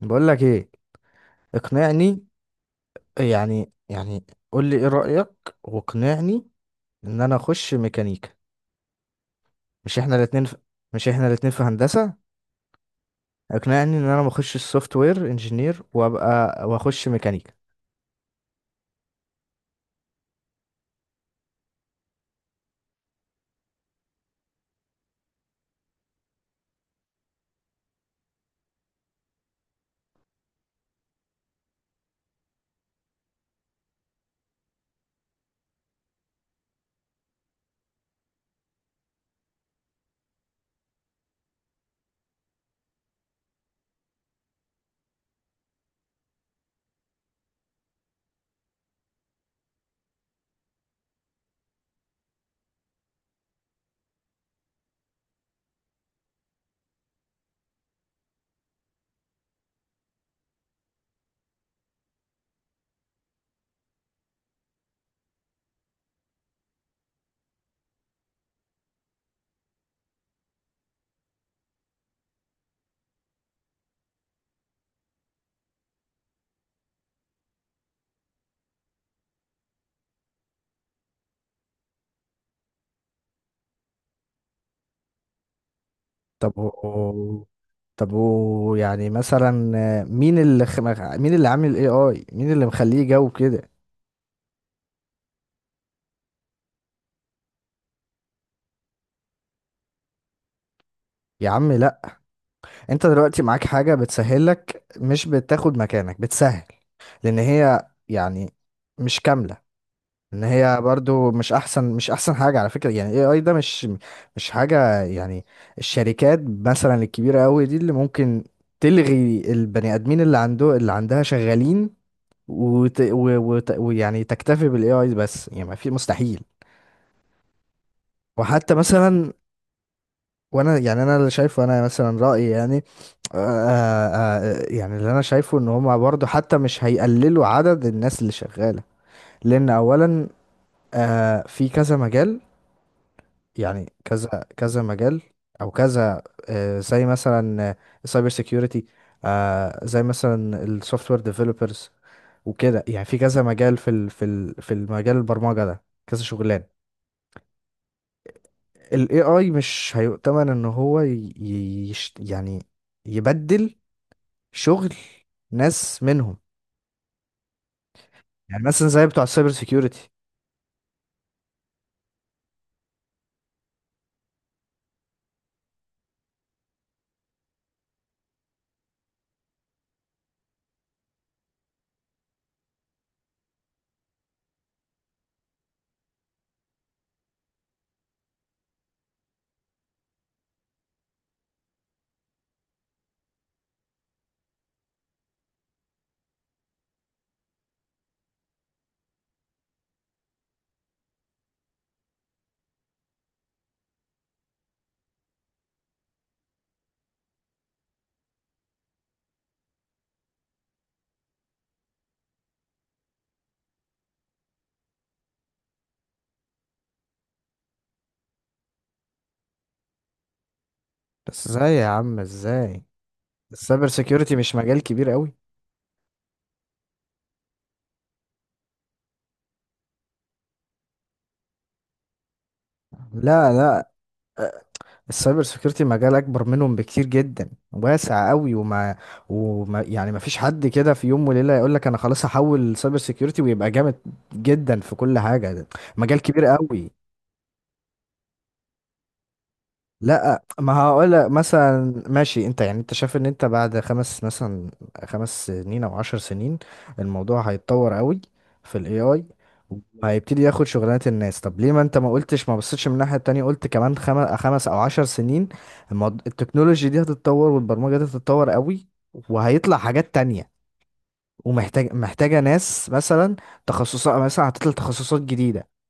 بقول لك ايه، اقنعني. يعني يعني قول لي ايه رأيك واقنعني ان انا اخش ميكانيكا. مش احنا الاتنين في... مش احنا الاتنين في هندسة؟ اقنعني ان انا ما اخش السوفت وير انجينير وابقى واخش ميكانيكا. طب و... و- طب و... يعني مثلا آه، مين اللي خ... مين اللي عامل الاي اي؟ مين اللي مخليه جو كده؟ يا عم لا. انت دلوقتي معاك حاجة بتسهلك، مش بتاخد مكانك، بتسهل. لان هي يعني مش كاملة. ان هي برضو مش احسن، مش احسن حاجه على فكره. يعني اي اي ده مش مش حاجه يعني. الشركات مثلا الكبيره قوي دي اللي ممكن تلغي البني ادمين اللي عنده اللي عندها شغالين ويعني تكتفي بالاي اي بس. يعني ما في مستحيل. وحتى مثلا وانا يعني انا اللي شايفه، انا مثلا رايي يعني، آه يعني اللي انا شايفه ان هما برضه حتى مش هيقللوا عدد الناس اللي شغالة. لان اولا آه في كذا مجال، يعني كذا كذا مجال او كذا. زي مثلا السايبر سيكيورتي، زي مثلا السوفت وير ديفلوبرز، وكده. يعني في كذا مجال، في ال في ال في المجال البرمجة ده كذا شغلان. ال AI مش هيؤتمن ان هو ي- يش يعني يبدل شغل ناس منهم. يعني مثلا زي بتوع السايبر سيكيورتي. بس ازاي يا عم؟ ازاي السايبر سيكيورتي مش مجال كبير قوي؟ لا لا، السايبر سيكيورتي مجال اكبر منهم بكتير جدا، واسع قوي. وما, وما يعني ما فيش حد كده في يوم وليله يقول لك انا خلاص هحول سايبر سيكيورتي ويبقى جامد جدا في كل حاجه. ده مجال كبير قوي. لا ما هقول لك مثلا، ماشي. انت يعني انت شايف ان انت بعد خمس مثلا، خمس سنين او عشر سنين، الموضوع هيتطور قوي في الاي اي، وهيبتدي ياخد شغلانات الناس. طب ليه ما انت ما قلتش، ما بصيتش من الناحية التانية؟ قلت كمان خمس او عشر سنين، التكنولوجي دي هتتطور والبرمجة دي هتتطور قوي، وهيطلع حاجات تانية، محتاجة ناس مثلا. تخصصات مثلا، هتطلع تخصصات جديدة.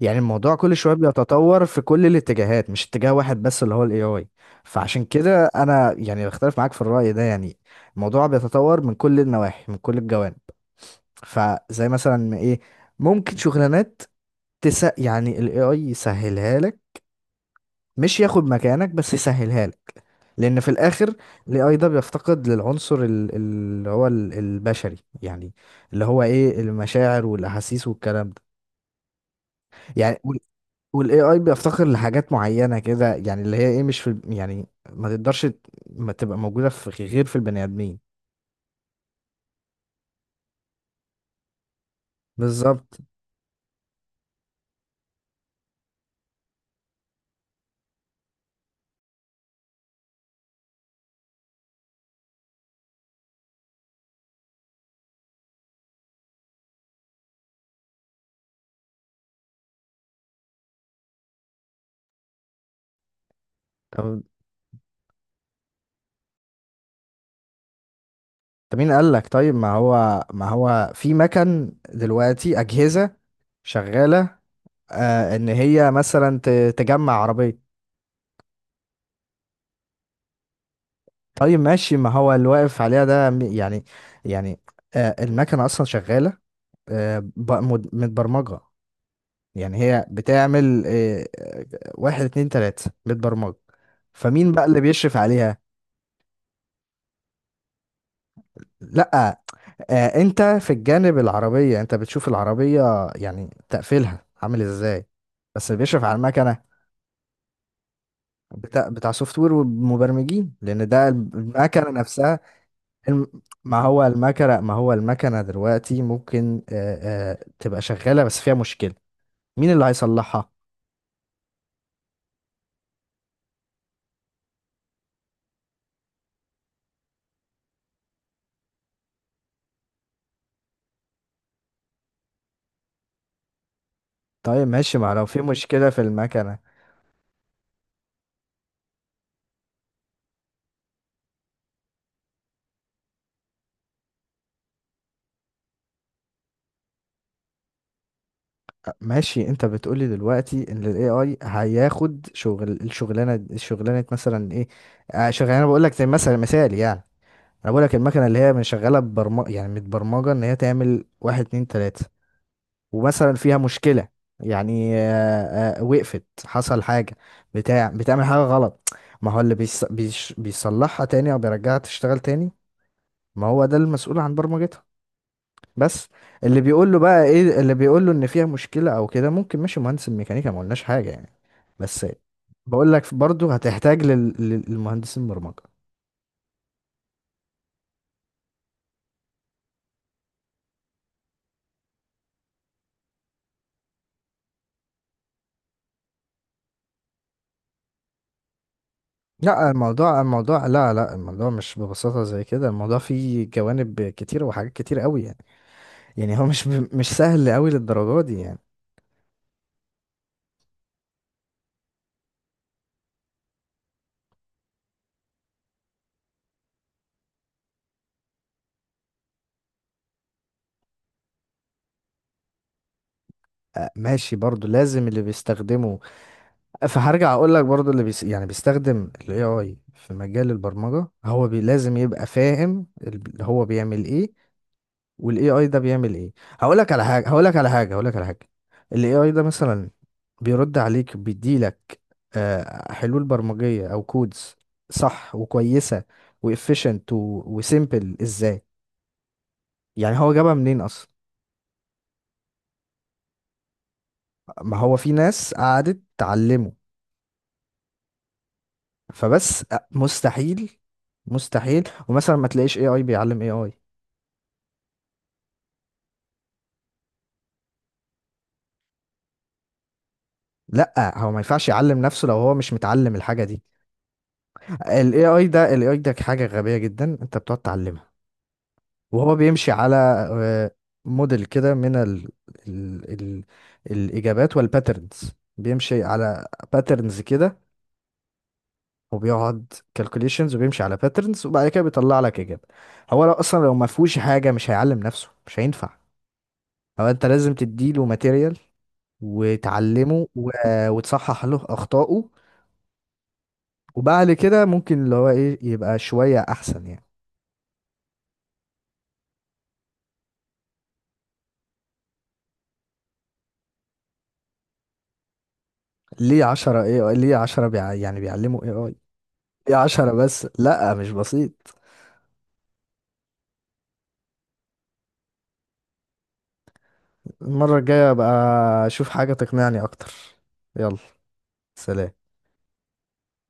يعني الموضوع كل شويه بيتطور في كل الاتجاهات، مش اتجاه واحد بس اللي هو الاي اي. فعشان كده انا يعني بختلف معاك في الرأي ده يعني. الموضوع بيتطور من كل النواحي، من كل الجوانب. فزي مثلا ايه، ممكن شغلانات، تس يعني الاي اي يسهلها لك، مش ياخد مكانك، بس يسهلها لك. لان في الاخر الاي اي ده بيفتقد للعنصر البشري يعني، اللي هو ايه، المشاعر والاحاسيس والكلام ده يعني. والاي اي بيفتقر لحاجات معينه كده، يعني اللي هي ايه، مش في يعني ما تقدرش ما تبقى موجوده في غير في البني ادمين. بالظبط. طب طب مين قال لك؟ طيب ما هو ما هو في مكن دلوقتي اجهزه شغاله آه ان هي مثلا تجمع عربيه. طيب ماشي، ما هو اللي واقف عليها ده يعني يعني المكنه اصلا شغاله، آه متبرمجه. يعني هي بتعمل واحد اتنين تلاتة، بتبرمج. فمين بقى اللي بيشرف عليها؟ لأ، انت في الجانب العربية انت بتشوف العربية يعني تقفيلها عامل ازاي، بس اللي بيشرف على المكنة بتاع بتاع سوفت وير ومبرمجين، لان ده المكنة نفسها. الم- ما هو المكنة، ما هو المكنة دلوقتي ممكن تبقى شغالة بس فيها مشكلة، مين اللي هيصلحها؟ طيب ماشي، ما لو في مشكلة في المكنة. ماشي انت بتقولي دلوقتي ان الاي اي هياخد شغل الشغلانه، الشغلانه مثلا ايه؟ آه، شغلانه بقول لك زي مثلا مثال يعني، انا بقول لك المكنه اللي هي من شغاله ببرمجه، يعني متبرمجه ان هي تعمل واحد اتنين تلاته، ومثلا فيها مشكله. يعني وقفت، حصل حاجه، بتاع بتعمل حاجه غلط، ما هو اللي بيصلحها تاني او بيرجعها تشتغل تاني؟ ما هو ده المسؤول عن برمجتها، بس. اللي بيقول له بقى ايه، اللي بيقول له ان فيها مشكله او كده ممكن ماشي مهندس الميكانيكا، ما قلناش حاجه يعني، بس. بقول لك برضه هتحتاج للمهندسين برمجه. لا الموضوع مش ببساطه زي كده، الموضوع فيه جوانب كتير وحاجات كتير قوي يعني. يعني هو مش سهل قوي للدرجه دي يعني. ماشي برضه لازم اللي بيستخدمه، فهرجع اقول لك برضه يعني بيستخدم الاي اي في مجال البرمجه لازم يبقى فاهم اللي هو بيعمل ايه، والاي اي ده بيعمل ايه. هقول لك على حاجه. الاي اي ده مثلا بيرد عليك، بيديلك حلول برمجيه او كودز صح وكويسه وافيشنت وسيمبل، ازاي يعني هو جابها منين اصلا؟ ما هو في ناس قعدت تعلمه. فبس مستحيل، مستحيل ومثلا ما تلاقيش اي اي بيعلم اي اي. لا هو ما ينفعش يعلم نفسه لو هو مش متعلم الحاجه دي. الاي اي ده الاي اي ده حاجه غبيه جدا، انت بتقعد تعلمها. وهو بيمشي على آه، موديل كده من ال الإجابات والباترنز، بيمشي على باترنز كده، وبيقعد كالكوليشنز وبيمشي على باترنز، وبعد كده بيطلع لك إجابة. هو لو أصلا لو ما فيهوش حاجة مش هيعلم نفسه، مش هينفع. هو أنت لازم تديله ماتيريال وتعلمه وتصحح له أخطائه، وبعد كده ممكن اللي هو إيه، يبقى شوية أحسن يعني. ليه عشرة إيه؟ يعني بيعلموا إيه آي؟ ليه عشرة بس؟ لأ مش بسيط. المرة الجاية ابقى اشوف حاجة تقنعني اكتر. يلا، سلام.